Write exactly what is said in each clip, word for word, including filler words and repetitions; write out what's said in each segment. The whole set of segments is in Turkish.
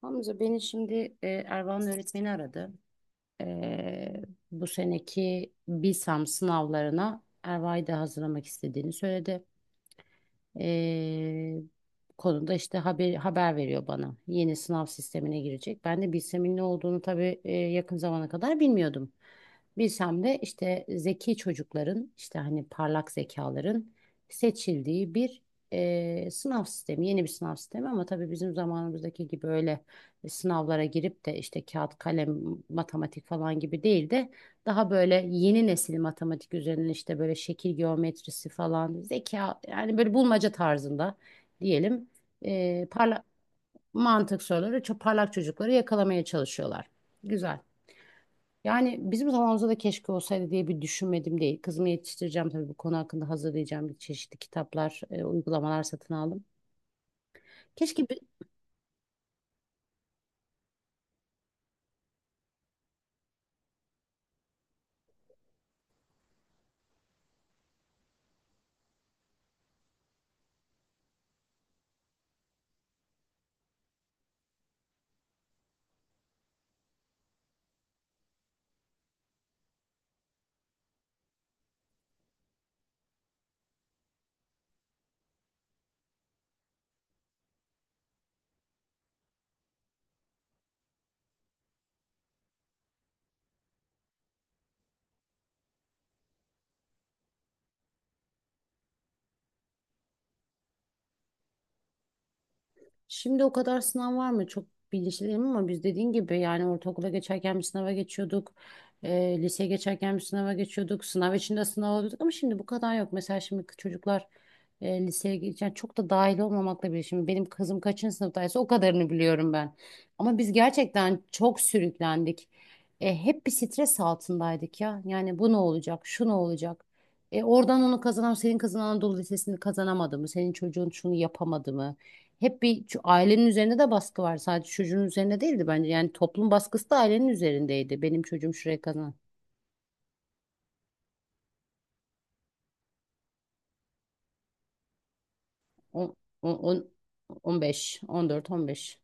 Hamza beni şimdi e, Ervan öğretmeni aradı. E, Bu seneki BİSAM sınavlarına Erva'yı da hazırlamak istediğini söyledi e, konuda işte haber, haber veriyor bana. Yeni sınav sistemine girecek. Ben de bilsemin ne olduğunu tabii e, yakın zamana kadar bilmiyordum. Bilsem de işte zeki çocukların işte hani parlak zekaların seçildiği bir e, sınav sistemi, yeni bir sınav sistemi ama tabii bizim zamanımızdaki gibi öyle sınavlara girip de işte kağıt, kalem, matematik falan gibi değil de daha böyle yeni nesil matematik üzerine işte böyle şekil geometrisi falan zeka yani böyle bulmaca tarzında diyelim e, parla mantık soruları çok parlak çocukları yakalamaya çalışıyorlar. Güzel. Yani bizim zamanımızda da keşke olsaydı diye bir düşünmedim değil. Kızımı yetiştireceğim tabii bu konu hakkında hazırlayacağım bir çeşitli kitaplar, e, uygulamalar satın aldım. Keşke bi- Şimdi o kadar sınav var mı? Çok bilinçliyim ama biz dediğin gibi yani ortaokula geçerken bir sınava geçiyorduk. E, liseye geçerken bir sınava geçiyorduk. Sınav içinde sınav oluyorduk ama şimdi bu kadar yok. Mesela şimdi çocuklar e, liseye geçen çok da dahil olmamakla bile. Şimdi benim kızım kaçıncı sınıftaysa o kadarını biliyorum ben. Ama biz gerçekten çok sürüklendik. E, hep bir stres altındaydık ya. Yani bu ne olacak? Şu ne olacak? E, oradan onu kazanan senin kızın Anadolu Lisesi'ni kazanamadı mı? Senin çocuğun şunu yapamadı mı? Hep bir şu ailenin üzerinde de baskı var. Sadece çocuğun üzerinde değildi bence. Yani toplum baskısı da ailenin üzerindeydi. Benim çocuğum şuraya kazan. On on on beş, on dört, on beş.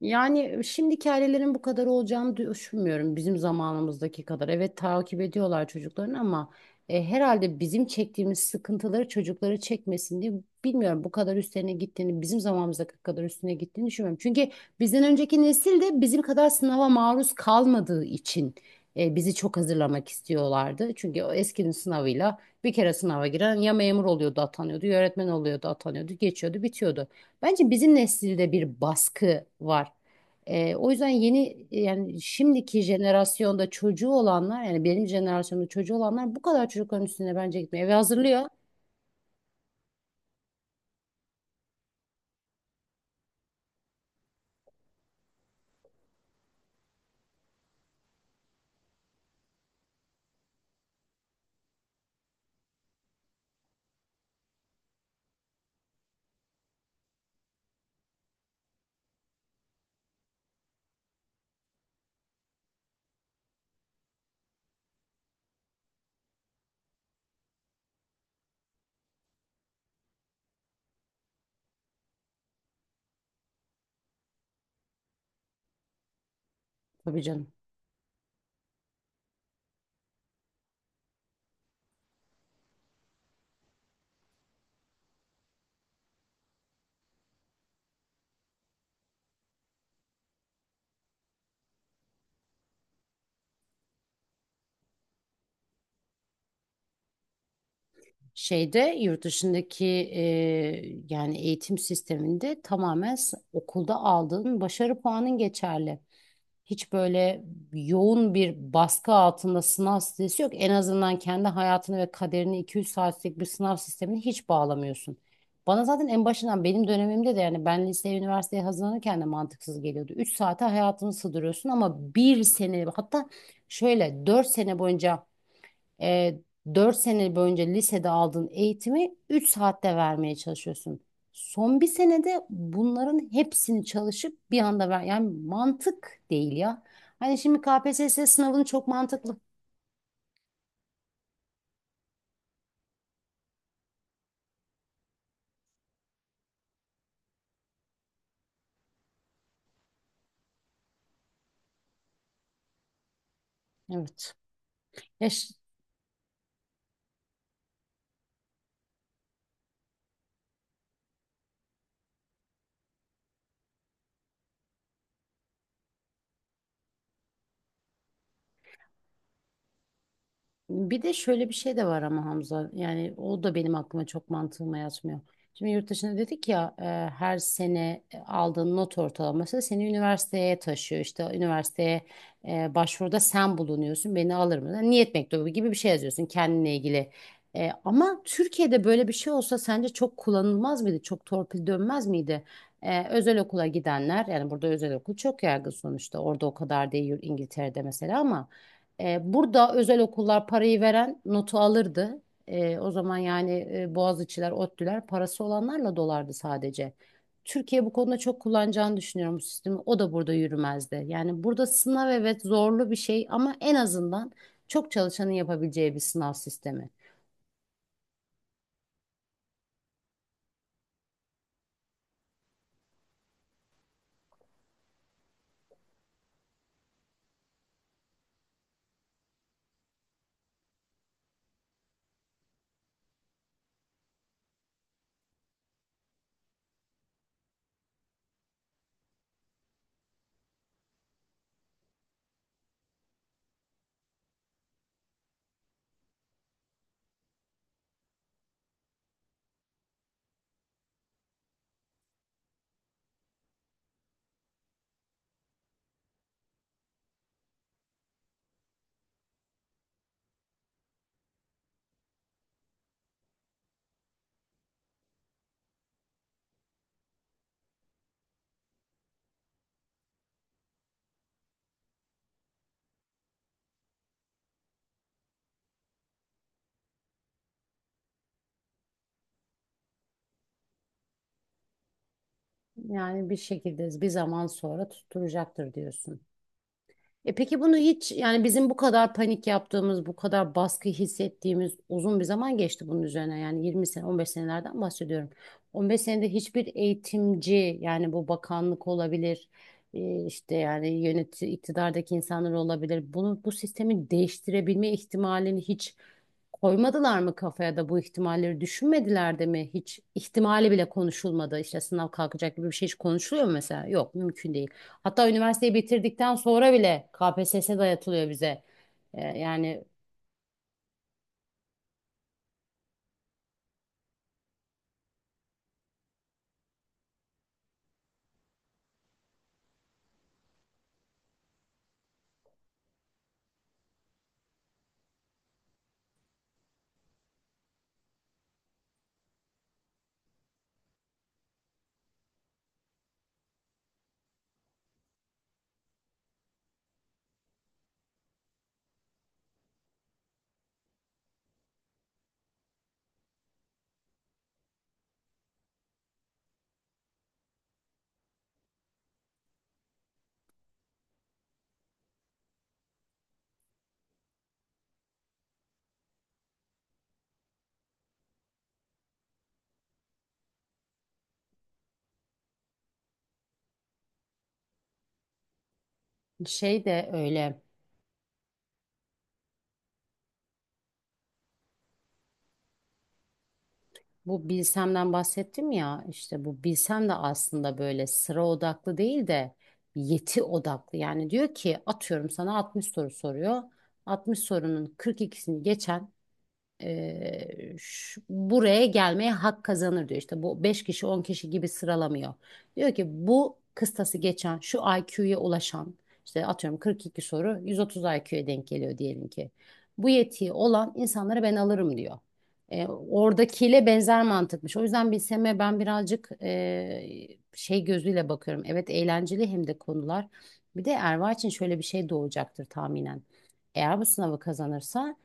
Yani şimdiki ailelerin bu kadar olacağını düşünmüyorum bizim zamanımızdaki kadar. Evet takip ediyorlar çocuklarını ama e, herhalde bizim çektiğimiz sıkıntıları çocukları çekmesin diye bilmiyorum bu kadar üstlerine gittiğini, bizim zamanımızdaki kadar üstüne gittiğini düşünmüyorum. Çünkü bizden önceki nesil de bizim kadar sınava maruz kalmadığı için e, bizi çok hazırlamak istiyorlardı. Çünkü o eskinin sınavıyla bir kere sınava giren ya memur oluyordu atanıyordu, ya öğretmen oluyordu atanıyordu, geçiyordu, bitiyordu. Bence bizim nesilde bir baskı var. Ee, o yüzden yeni yani şimdiki jenerasyonda çocuğu olanlar yani benim jenerasyonda çocuğu olanlar bu kadar çocukların üstüne bence gitmiyor. Eve hazırlıyor. Tabii canım. Şeyde yurt dışındaki e, yani eğitim sisteminde tamamen s- okulda aldığın başarı puanın geçerli. Hiç böyle yoğun bir baskı altında sınav stresi yok. En azından kendi hayatını ve kaderini iki üç saatlik bir sınav sistemine hiç bağlamıyorsun. Bana zaten en başından benim dönemimde de yani ben liseye, üniversiteye hazırlanırken de mantıksız geliyordu. Üç saate hayatını sığdırıyorsun ama bir sene hatta şöyle dört sene boyunca e, dört sene boyunca lisede aldığın eğitimi üç saatte vermeye çalışıyorsun. Son bir senede bunların hepsini çalışıp bir anda ver. Yani mantık değil ya. Hani şimdi K P S S sınavını çok mantıklı. Evet. Yaş- Bir de şöyle bir şey de var ama Hamza yani o da benim aklıma çok mantığıma yatmıyor. Şimdi yurt dışında dedik ya e, her sene e, aldığın not ortalaması seni üniversiteye taşıyor. İşte üniversiteye e, başvuruda sen bulunuyorsun beni alır mı? Yani Niyet mektubu gibi bir şey yazıyorsun kendine ilgili. E, ama Türkiye'de böyle bir şey olsa sence çok kullanılmaz mıydı? Çok torpil dönmez miydi? E, özel okula gidenler yani burada özel okul çok yaygın sonuçta orada o kadar değil İngiltere'de mesela ama. E, burada özel okullar parayı veren notu alırdı. E, o zaman yani e, Boğaziçi'ler, ODTÜ'ler parası olanlarla dolardı sadece. Türkiye bu konuda çok kullanacağını düşünüyorum bu sistemi. O da burada yürümezdi. Yani burada sınav evet zorlu bir şey ama en azından çok çalışanın yapabileceği bir sınav sistemi. Yani bir şekilde bir zaman sonra tutturacaktır diyorsun. E peki bunu hiç yani bizim bu kadar panik yaptığımız, bu kadar baskı hissettiğimiz uzun bir zaman geçti bunun üzerine. Yani yirmi sene, on beş senelerden bahsediyorum. on beş senede hiçbir eğitimci yani bu bakanlık olabilir, e, işte yani yönetici iktidardaki insanlar olabilir. Bunu bu sistemi değiştirebilme ihtimalini hiç koymadılar mı kafaya da bu ihtimalleri düşünmediler de mi? Hiç ihtimali bile konuşulmadı. İşte sınav kalkacak gibi bir şey hiç konuşuluyor mu mesela? Yok, mümkün. Hatta üniversiteyi bitirdikten sonra bile K P S S dayatılıyor bize. Ee, yani şey de öyle. Bu Bilsem'den bahsettim ya işte bu Bilsem de aslında böyle sıra odaklı değil de yeti odaklı. Yani diyor ki atıyorum sana altmış soru soruyor. altmış sorunun kırk ikisini geçen e, şu- buraya gelmeye hak kazanır diyor. İşte bu beş kişi on kişi gibi sıralamıyor. Diyor ki bu kıstası geçen şu I Q'ya ulaşan işte atıyorum kırk iki soru yüz otuz I Q'ya denk geliyor diyelim ki. Bu yetiyi olan insanları ben alırım diyor. E, oradakiyle benzer mantıkmış. O yüzden bilseme ben birazcık e, şey gözüyle bakıyorum. Evet eğlenceli hem de konular. Bir de Erva için şöyle bir şey doğacaktır tahminen. Eğer bu sınavı kazanırsa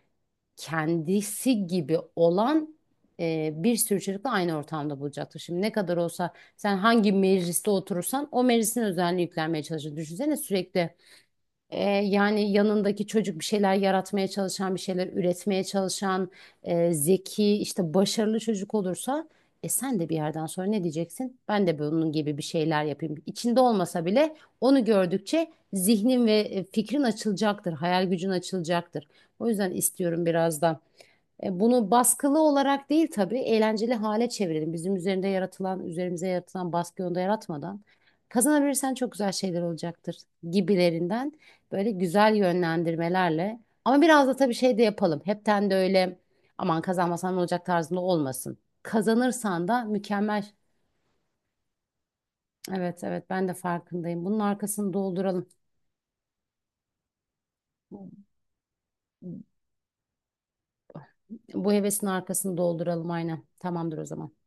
kendisi gibi olan e, bir sürü çocukla aynı ortamda bulacaktır. Şimdi ne kadar olsa sen hangi mecliste oturursan o meclisin özelliğini yüklenmeye çalışır. Düşünsene sürekli e, yani yanındaki çocuk bir şeyler yaratmaya çalışan, bir şeyler üretmeye çalışan, e, zeki, işte başarılı çocuk olursa e sen de bir yerden sonra ne diyeceksin? Ben de bunun gibi bir şeyler yapayım. İçinde olmasa bile onu gördükçe zihnin ve e, fikrin açılacaktır, hayal gücün açılacaktır. O yüzden istiyorum biraz da. E, Bunu baskılı olarak değil tabii eğlenceli hale çevirelim. Bizim üzerinde yaratılan, üzerimize yaratılan baskıyı onda yaratmadan kazanabilirsen çok güzel şeyler olacaktır gibilerinden böyle güzel yönlendirmelerle. Ama biraz da tabii şey de yapalım. Hepten de öyle aman kazanmasan ne olacak tarzında olmasın. Kazanırsan da mükemmel. Evet, evet, ben de farkındayım. Bunun arkasını dolduralım. Bu hevesin arkasını dolduralım aynen. Tamamdır o zaman.